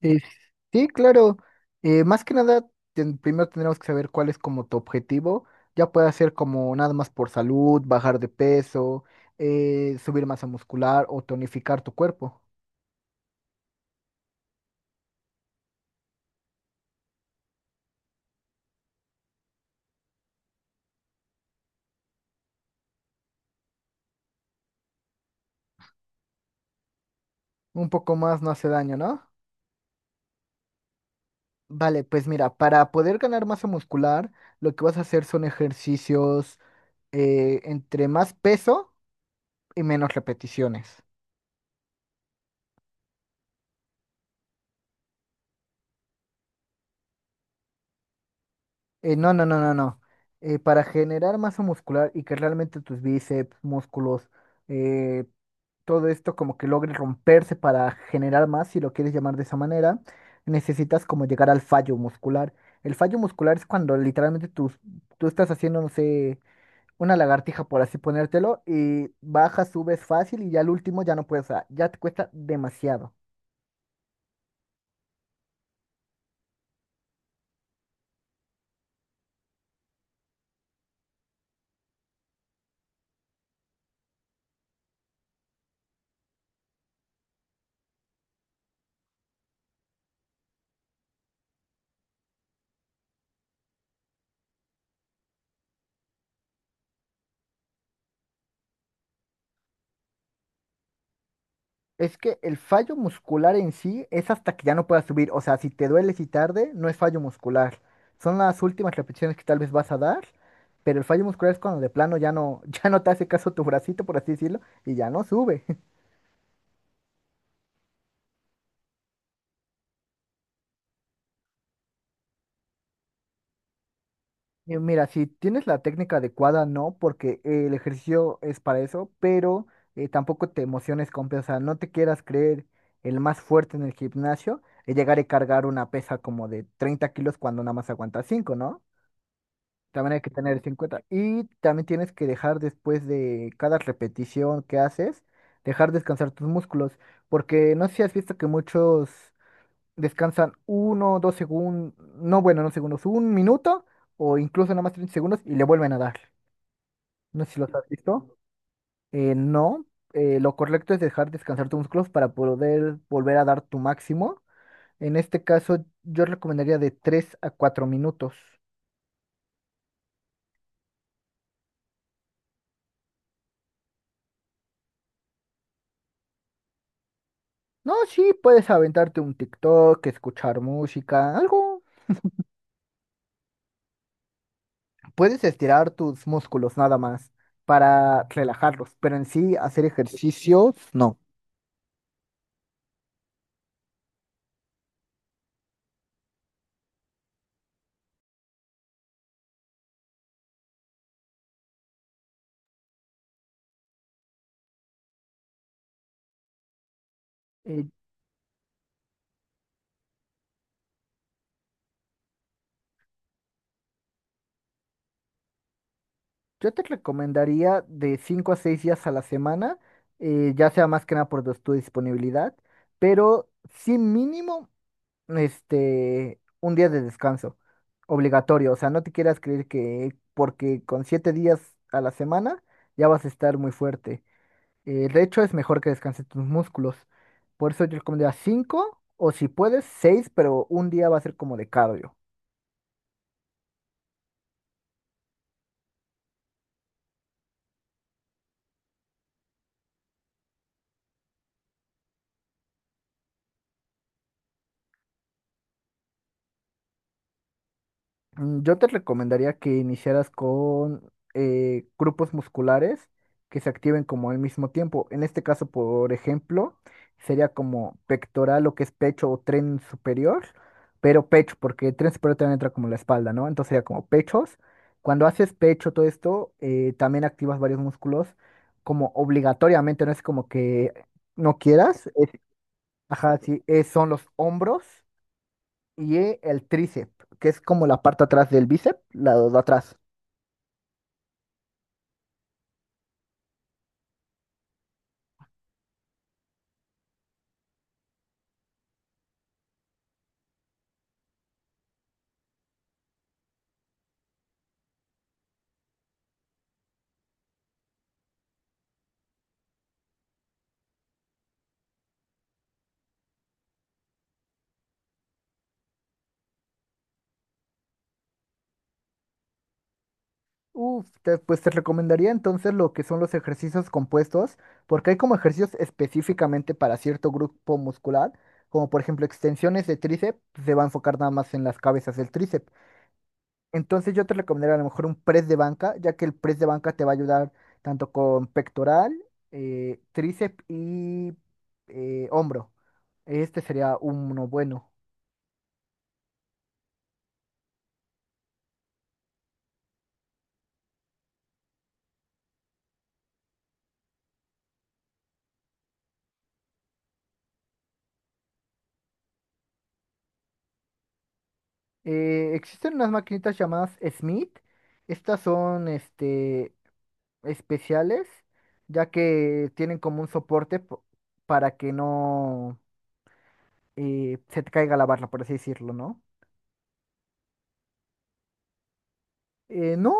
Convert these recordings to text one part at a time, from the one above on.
Eh, sí, claro. Más que nada, primero tendremos que saber cuál es como tu objetivo. Ya puede ser como nada más por salud, bajar de peso, subir masa muscular o tonificar tu cuerpo. Un poco más no hace daño, ¿no? Vale, pues mira, para poder ganar masa muscular, lo que vas a hacer son ejercicios entre más peso y menos repeticiones. No, no, no, no, no. Para generar masa muscular y que realmente tus bíceps, músculos, todo esto como que logre romperse para generar más, si lo quieres llamar de esa manera, necesitas como llegar al fallo muscular. El fallo muscular es cuando literalmente tú estás haciendo, no sé, una lagartija, por así ponértelo, y bajas, subes fácil y ya al último ya no puedes, o sea, ya te cuesta demasiado. Es que el fallo muscular en sí es hasta que ya no puedas subir. O sea, si te dueles y tarde, no es fallo muscular. Son las últimas repeticiones que tal vez vas a dar, pero el fallo muscular es cuando de plano ya no, ya no te hace caso tu bracito, por así decirlo, y ya no sube. Y mira, si tienes la técnica adecuada, no, porque el ejercicio es para eso, pero tampoco te emociones con, o sea, no te quieras creer el más fuerte en el gimnasio y llegar a cargar una pesa como de 30 kilos cuando nada más aguantas 5, ¿no? También hay que tener eso en cuenta. Y también tienes que dejar, después de cada repetición que haces, dejar descansar tus músculos. Porque no sé si has visto que muchos descansan uno, dos segundos, no bueno, no segundos, un minuto o incluso nada más 30 segundos y le vuelven a dar. No sé si los has visto. No, lo correcto es dejar descansar tus músculos para poder volver a dar tu máximo. En este caso, yo recomendaría de 3 a 4 minutos. No, sí, puedes aventarte un TikTok, escuchar música, algo. Puedes estirar tus músculos nada más para relajarlos, pero en sí hacer ejercicios, no. Eh, yo te recomendaría de 5 a 6 días a la semana, ya sea más que nada por tu disponibilidad, pero sí mínimo un día de descanso, obligatorio. O sea, no te quieras creer que porque con 7 días a la semana ya vas a estar muy fuerte. De hecho, es mejor que descanses tus músculos. Por eso yo recomendaría 5 o si puedes 6, pero un día va a ser como de cardio. Yo te recomendaría que iniciaras con grupos musculares que se activen como al mismo tiempo. En este caso, por ejemplo, sería como pectoral, lo que es pecho o tren superior, pero pecho, porque tren superior también entra como la espalda, ¿no? Entonces sería como pechos. Cuando haces pecho, todo esto, también activas varios músculos como obligatoriamente, no es como que no quieras. Ajá, sí, son los hombros y el tríceps, que es como la parte atrás del bíceps, la de atrás. Uf, pues te recomendaría entonces lo que son los ejercicios compuestos, porque hay como ejercicios específicamente para cierto grupo muscular, como por ejemplo extensiones de tríceps, se va a enfocar nada más en las cabezas del tríceps. Entonces yo te recomendaría a lo mejor un press de banca, ya que el press de banca te va a ayudar tanto con pectoral, tríceps y hombro. Este sería uno bueno. Existen unas maquinitas llamadas Smith. Estas son especiales, ya que tienen como un soporte para que no se te caiga la barra, por así decirlo, ¿no? No,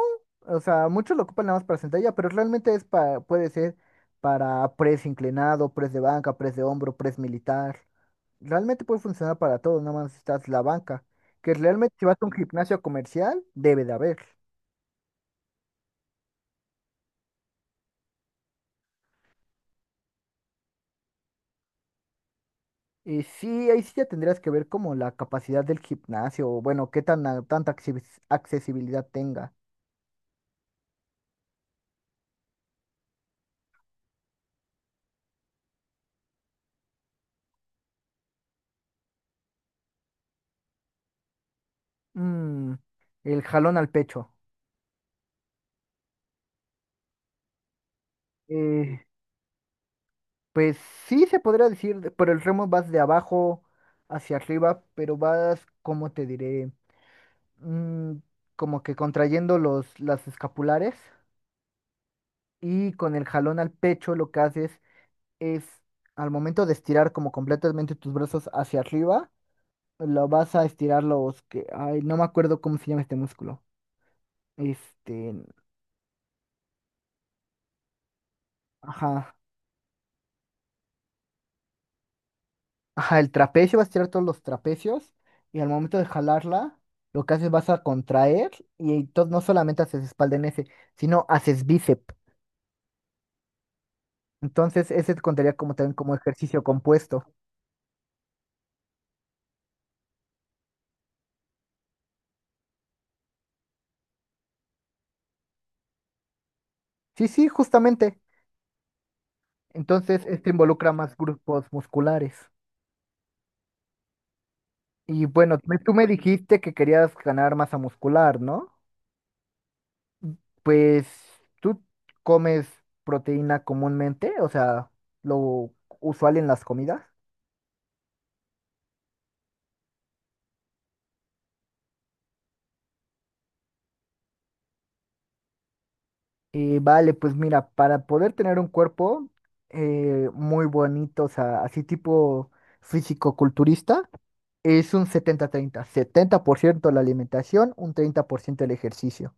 o sea, muchos lo ocupan nada más para sentadilla, pero realmente es para, puede ser para press inclinado, press de banca, press de hombro, press militar. Realmente puede funcionar para todo, nada más estás la banca. Que realmente si vas a un gimnasio comercial, debe de haber. Y sí, ahí sí ya tendrías que ver como la capacidad del gimnasio, o bueno, qué tan tanta accesibilidad tenga. Mm, el jalón al pecho. Eh, pues sí se podría decir, pero el remo vas de abajo hacia arriba, pero vas, ¿cómo te diré? Mm, como que contrayendo los, las escapulares, y con el jalón al pecho lo que haces es, al momento de estirar como completamente tus brazos hacia arriba, lo vas a estirar los que. Ay, no me acuerdo cómo se llama este músculo. Este. Ajá. Ajá, el trapecio, vas a estirar todos los trapecios. Y al momento de jalarla, lo que haces vas a contraer. Y entonces no solamente haces espalda en ese, sino haces bíceps. Entonces, ese te contaría como también como ejercicio compuesto. Sí, sí, justamente. Entonces, esto involucra más grupos musculares. Y bueno, tú me dijiste que querías ganar masa muscular, ¿no? Pues tú comes proteína comúnmente, o sea, lo usual en las comidas. Vale, pues mira, para poder tener un cuerpo muy bonito, o sea, así tipo físico-culturista, es un 70-30. 70% la alimentación, un 30% el ejercicio.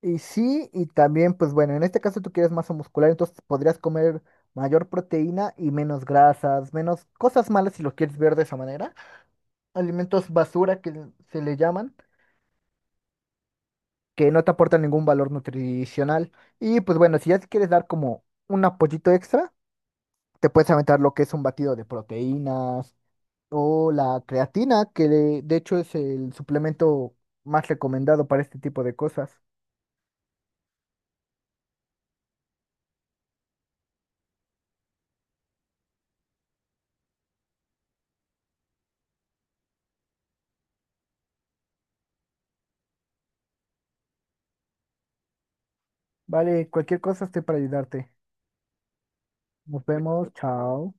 Y sí, y también, pues bueno, en este caso tú quieres masa muscular, entonces podrías comer mayor proteína y menos grasas, menos cosas malas si lo quieres ver de esa manera. Alimentos basura que se le llaman, que no te aportan ningún valor nutricional. Y pues bueno, si ya te quieres dar como un apoyito extra, te puedes aventar lo que es un batido de proteínas o la creatina, que de hecho es el suplemento más recomendado para este tipo de cosas. Vale, cualquier cosa estoy para ayudarte. Nos vemos, chao.